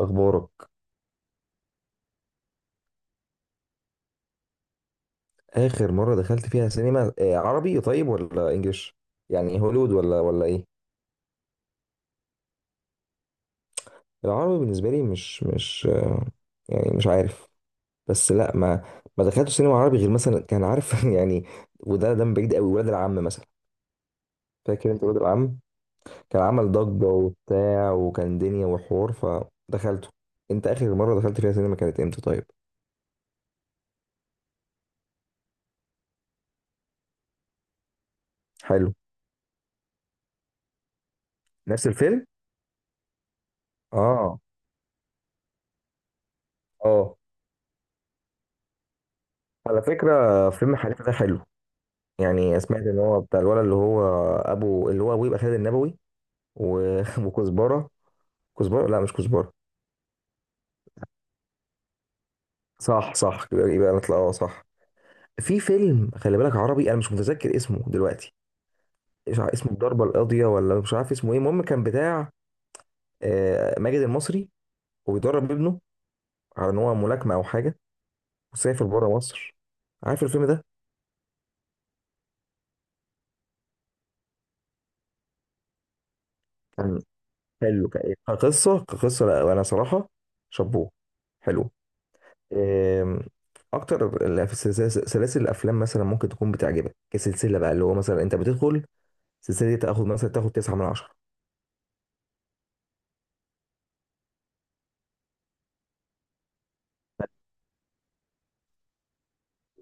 اخبارك. اخر مره دخلت فيها سينما عربي طيب ولا انجليش؟ يعني هوليوود ولا ايه؟ العربي بالنسبه لي مش يعني مش عارف. بس لا، ما دخلتش سينما عربي غير مثلا كان عارف يعني. وده من بعيد قوي، ولاد العم مثلا. فاكر انت ولاد العم؟ كان عمل ضجه وبتاع، وكان دنيا وحوار، فدخلته. انت اخر مره دخلت فيها سينما كانت امتى طيب؟ حلو. نفس الفيلم؟ اه. اه، على فكره فيلم حريفه ده حلو. يعني سمعت ان هو بتاع الولد اللي هو ابو، اللي هو ابوه يبقى خالد النبوي. وكزبره. كزبره، لا مش كزبره. صح صح، يبقى نطلع، اه صح. في فيلم خلي بالك عربي، انا مش متذكر اسمه دلوقتي. مش عارف اسمه الضربه القاضيه، ولا مش عارف اسمه ايه. المهم كان بتاع ماجد المصري، وبيدرب ابنه على ان هو ملاكمه او حاجه، وسافر بره مصر. عارف الفيلم ده؟ كان حلو. كقصه، كقصه لا انا صراحه شابوه، حلو. آم، اكتر في سلاسل الافلام مثلا ممكن تكون بتعجبك كسلسله بقى، اللي هو مثلا انت بتدخل السلسله دي تاخد مثلا تاخد 9 من 10.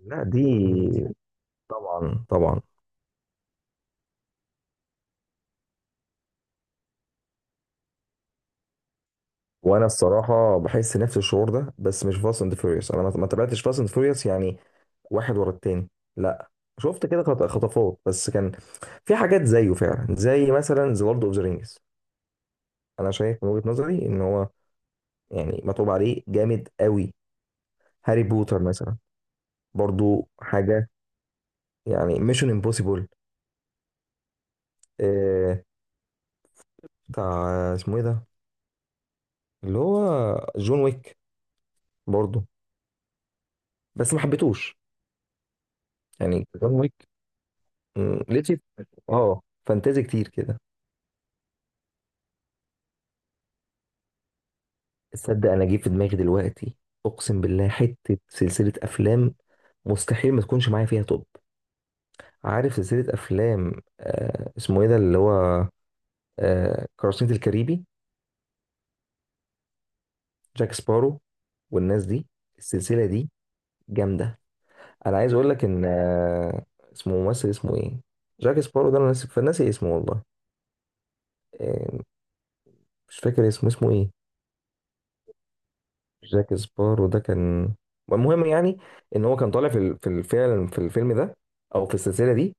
لا دي طبعا طبعا. وانا الصراحه بحس نفس الشعور ده، بس مش فاست اند فيوريوس. انا ما تابعتش فاست اند فيوريوس يعني، واحد ورا التاني. لا، شفت كده خطفات بس. كان في حاجات زيه فعلا، زي مثلا ذا لورد اوف ذا رينجز. انا شايف من وجهة نظري ان هو يعني مطلوب عليه جامد قوي. هاري بوتر مثلا برضو حاجة. يعني ميشن امبوسيبل، بتاع اسمه ايه ده، اللي هو جون ويك. برضه، بس ما حبيتهوش يعني جون ويك. مم، لقيت اه فانتازي كتير كده. تصدق انا جه في دماغي دلوقتي، اقسم بالله، حته سلسله افلام مستحيل ما تكونش معايا فيها توب. عارف سلسله افلام اسمه ايه ده، اللي هو قراصنة الكاريبي؟ جاك سبارو والناس دي. السلسله دي جامده. انا عايز اقول لك ان اسمه، ممثل اسمه ايه، جاك سبارو ده انا ناسي، فناسي اسمه والله. آه، مش فاكر اسمه، اسمه ايه. جاك سبارو ده كان، المهم يعني ان هو كان طالع في في الفيلم، في الفيلم ده او في السلسله دي،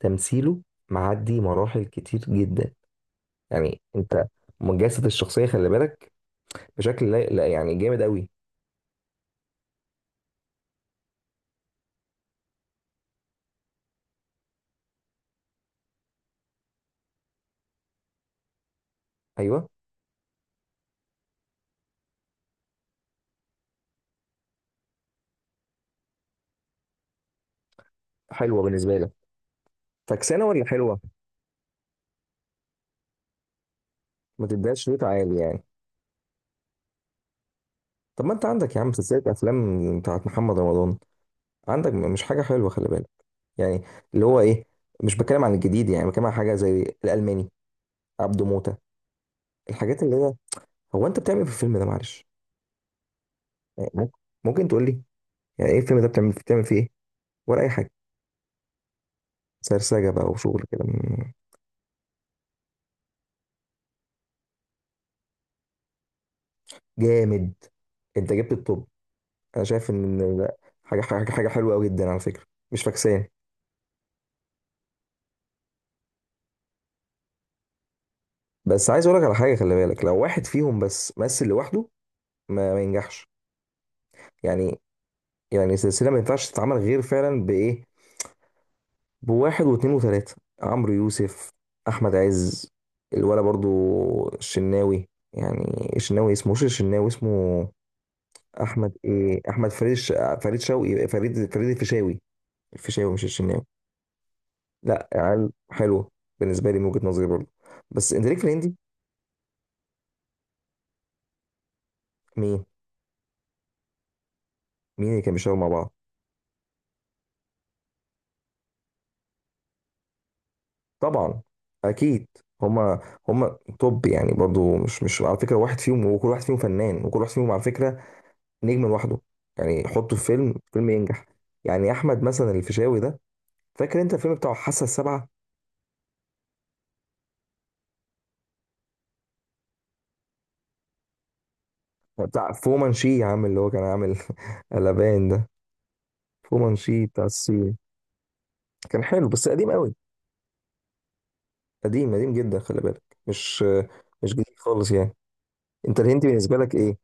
تمثيله معدي مراحل كتير جدا. يعني انت مجسد الشخصيه خلي بالك بشكل لا لا، يعني جامد قوي. ايوه. حلوه بالنسبه لك؟ فكسانه ولا حلوه؟ ما تديهاش ريت عالي يعني. طب ما انت عندك يا عم سلسله افلام بتاعت محمد رمضان، عندك مش حاجة حلوة خلي بالك. يعني اللي هو ايه، مش بتكلم عن الجديد، يعني بتكلم عن حاجة زي الألماني، عبده موتة. الحاجات اللي هي، هو انت بتعمل في الفيلم ده معلش؟ يعني ممكن، ممكن تقول لي يعني ايه الفيلم ده، بتعمل فيه ايه ولا اي حاجة؟ سرسجة بقى وشغل كده جامد. انت جبت الطب. انا شايف ان لا، حاجة حلوة قوي جدا على فكرة، مش فاكسان. بس عايز اقول لك على حاجة، خلي بالك لو واحد فيهم بس مثل لوحده ما ينجحش. يعني، يعني السلسلة ما ينفعش تتعمل غير فعلا بإيه؟ بواحد واثنين وثلاثة، عمرو يوسف، أحمد عز، الولا برضو، الشناوي. يعني الشناوي اسمه، مش الشناوي اسمه أحمد إيه، أحمد فريد فريد شوقي، فريد الفيشاوي. الفيشاوي مش الشناوي. لا عيال حلوة بالنسبة لي، من وجهة نظري برضو. بس أنت ليك في الهندي. مين؟ مين اللي كان بيشتغل مع بعض؟ طبعا، أكيد. هما، هما توب يعني. برضو مش مش على فكرة واحد فيهم، وكل واحد فيهم فنان، وكل واحد فيهم على فكرة نجم لوحده. يعني حطه في فيلم، فيلم ينجح. يعني احمد مثلا الفيشاوي ده، فاكر انت الفيلم بتاع حاسه السبعه، بتاع فومانشي يا عم اللي هو كان عامل قلبان ده؟ فومانشي بتاع الصين. كان حلو بس قديم قوي، قديم قديم جدا خلي بالك. مش مش جديد خالص يعني. انت الهندي بالنسبه لك ايه؟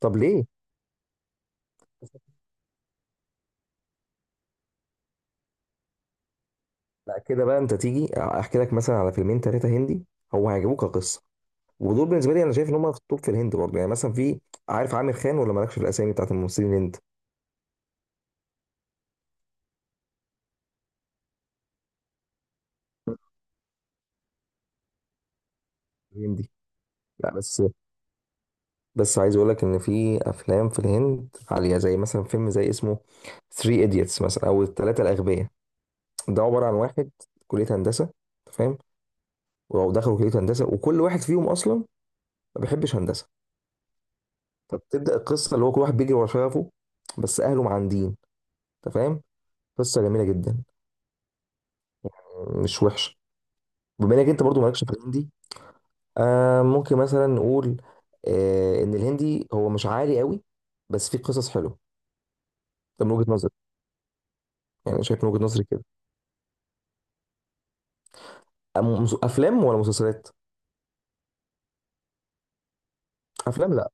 طب ليه؟ لا كده بقى، انت تيجي احكي لك مثلا على فيلمين ثلاثه هندي، هو هيعجبوك كقصه. ودول بالنسبه لي انا شايف ان هم في التوب في الهند برضه. يعني مثلا في، عارف عامر خان، ولا مالكش في الاسامي بتاعت الممثلين الهند؟ الهندي، لا بس، بس عايز اقول لك ان في افلام في الهند عاليه، زي مثلا فيلم زي اسمه 3 ايديتس مثلا، او الثلاثه الاغبياء. ده عباره عن واحد، كليه هندسه، أنت فاهم، ودخلوا كليه هندسه وكل واحد فيهم اصلا ما بيحبش هندسه. فبتبدا القصه اللي هو كل واحد بيجري ورا شغفه، بس اهله معاندين، انت فاهم. قصه جميله جدا، مش وحشه. بما انك انت برضو مالكش في الهندي، آه ممكن مثلا نقول آه ان الهندي هو مش عالي قوي، بس فيه قصص حلوه. ده من وجهه نظري، يعني شايف من وجهه نظري كده. افلام ولا مسلسلات؟ افلام، لا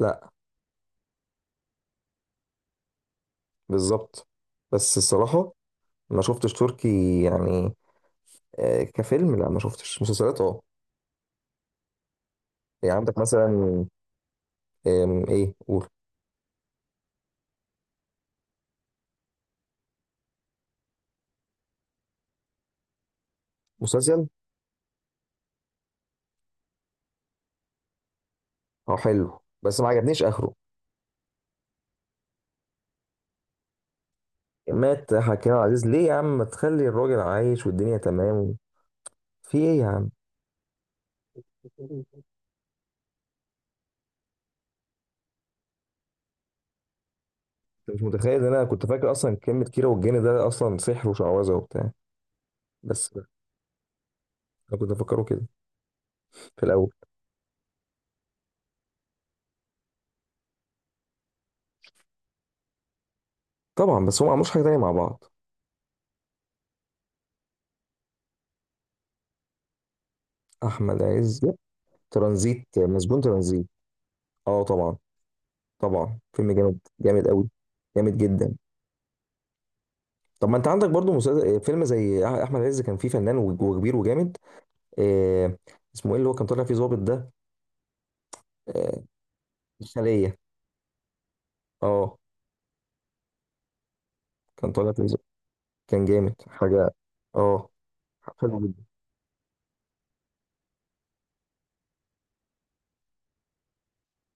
لا بالظبط. بس الصراحه ما شفتش تركي يعني، كفيلم لا. ما شفتش مسلسلات اه. يعني عندك مثلا، ايه قول. مسلسل؟ اه حلو بس ما عجبنيش اخره. مات حكيم عبد العزيز ليه يا عم؟ ما تخلي الراجل عايش والدنيا تمام. في ايه يا عم؟ أنت مش متخيل ان انا كنت فاكر اصلا كلمه كيرة والجن ده اصلا سحر وشعوذه وبتاع. بس انا كنت افكره كده في الاول. طبعا بس هم ما عملوش حاجه تانيه مع بعض. احمد عز، ترانزيت، مسجون ترانزيت. اه طبعا، طبعا فيلم جامد، جامد قوي، جامد جدا. طب ما انت عندك برضو مسلسل، فيلم زي احمد عز كان فيه فنان وكبير وجامد. آه اسمه ايه اللي هو كان طالع فيه ظابط ده؟ آه، الخلية. اه، كان طالع فيه ظابط. كان جامد حاجة. اه، حلو جدا.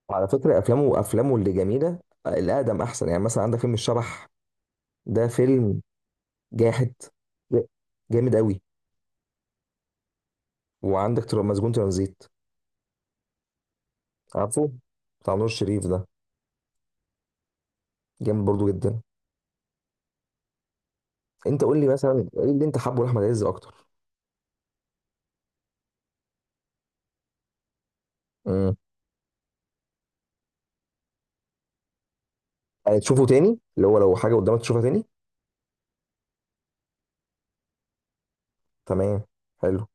وعلى فكرة افلامه، افلامه اللي جميلة، الاقدم احسن. يعني مثلا عندك فيلم الشبح، ده فيلم جاحد، ج- جامد قوي. وعندك مسجون ترانزيت، عارفه، بتاع نور الشريف ده، جامد برضو جدا. انت قول لي مثلا ايه اللي انت حابه لاحمد عز اكتر؟ امم. يعني تشوفه تاني اللي هو لو حاجه قدامك تشوفها تاني؟ تمام، حلو.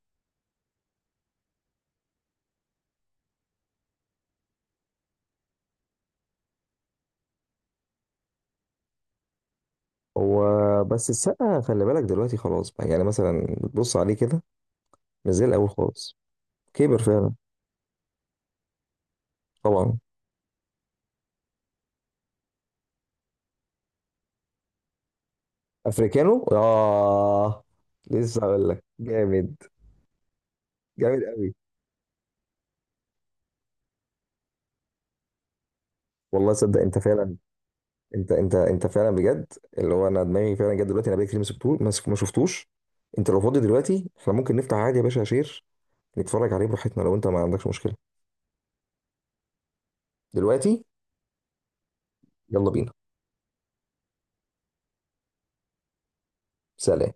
هو بس السقا خلي بالك دلوقتي خلاص بقى، يعني مثلا بتبص عليه كده مش زي الاول خالص. كبر فعلا. طبعا. افريكانو؟ اه، لسه هقول لك، جامد، جامد قوي. والله صدق انت فعلا. انت انت انت فعلا بجد اللي هو، انا دماغي فعلا جت دلوقتي، انا بقالي كتير ما شفتوش، ما ما شفتوش. انت لو فاضي دلوقتي احنا ممكن نفتح عادي يا باشا شير، نتفرج عليه براحتنا لو انت ما عندكش مشكلة. دلوقتي؟ يلا بينا. سلام.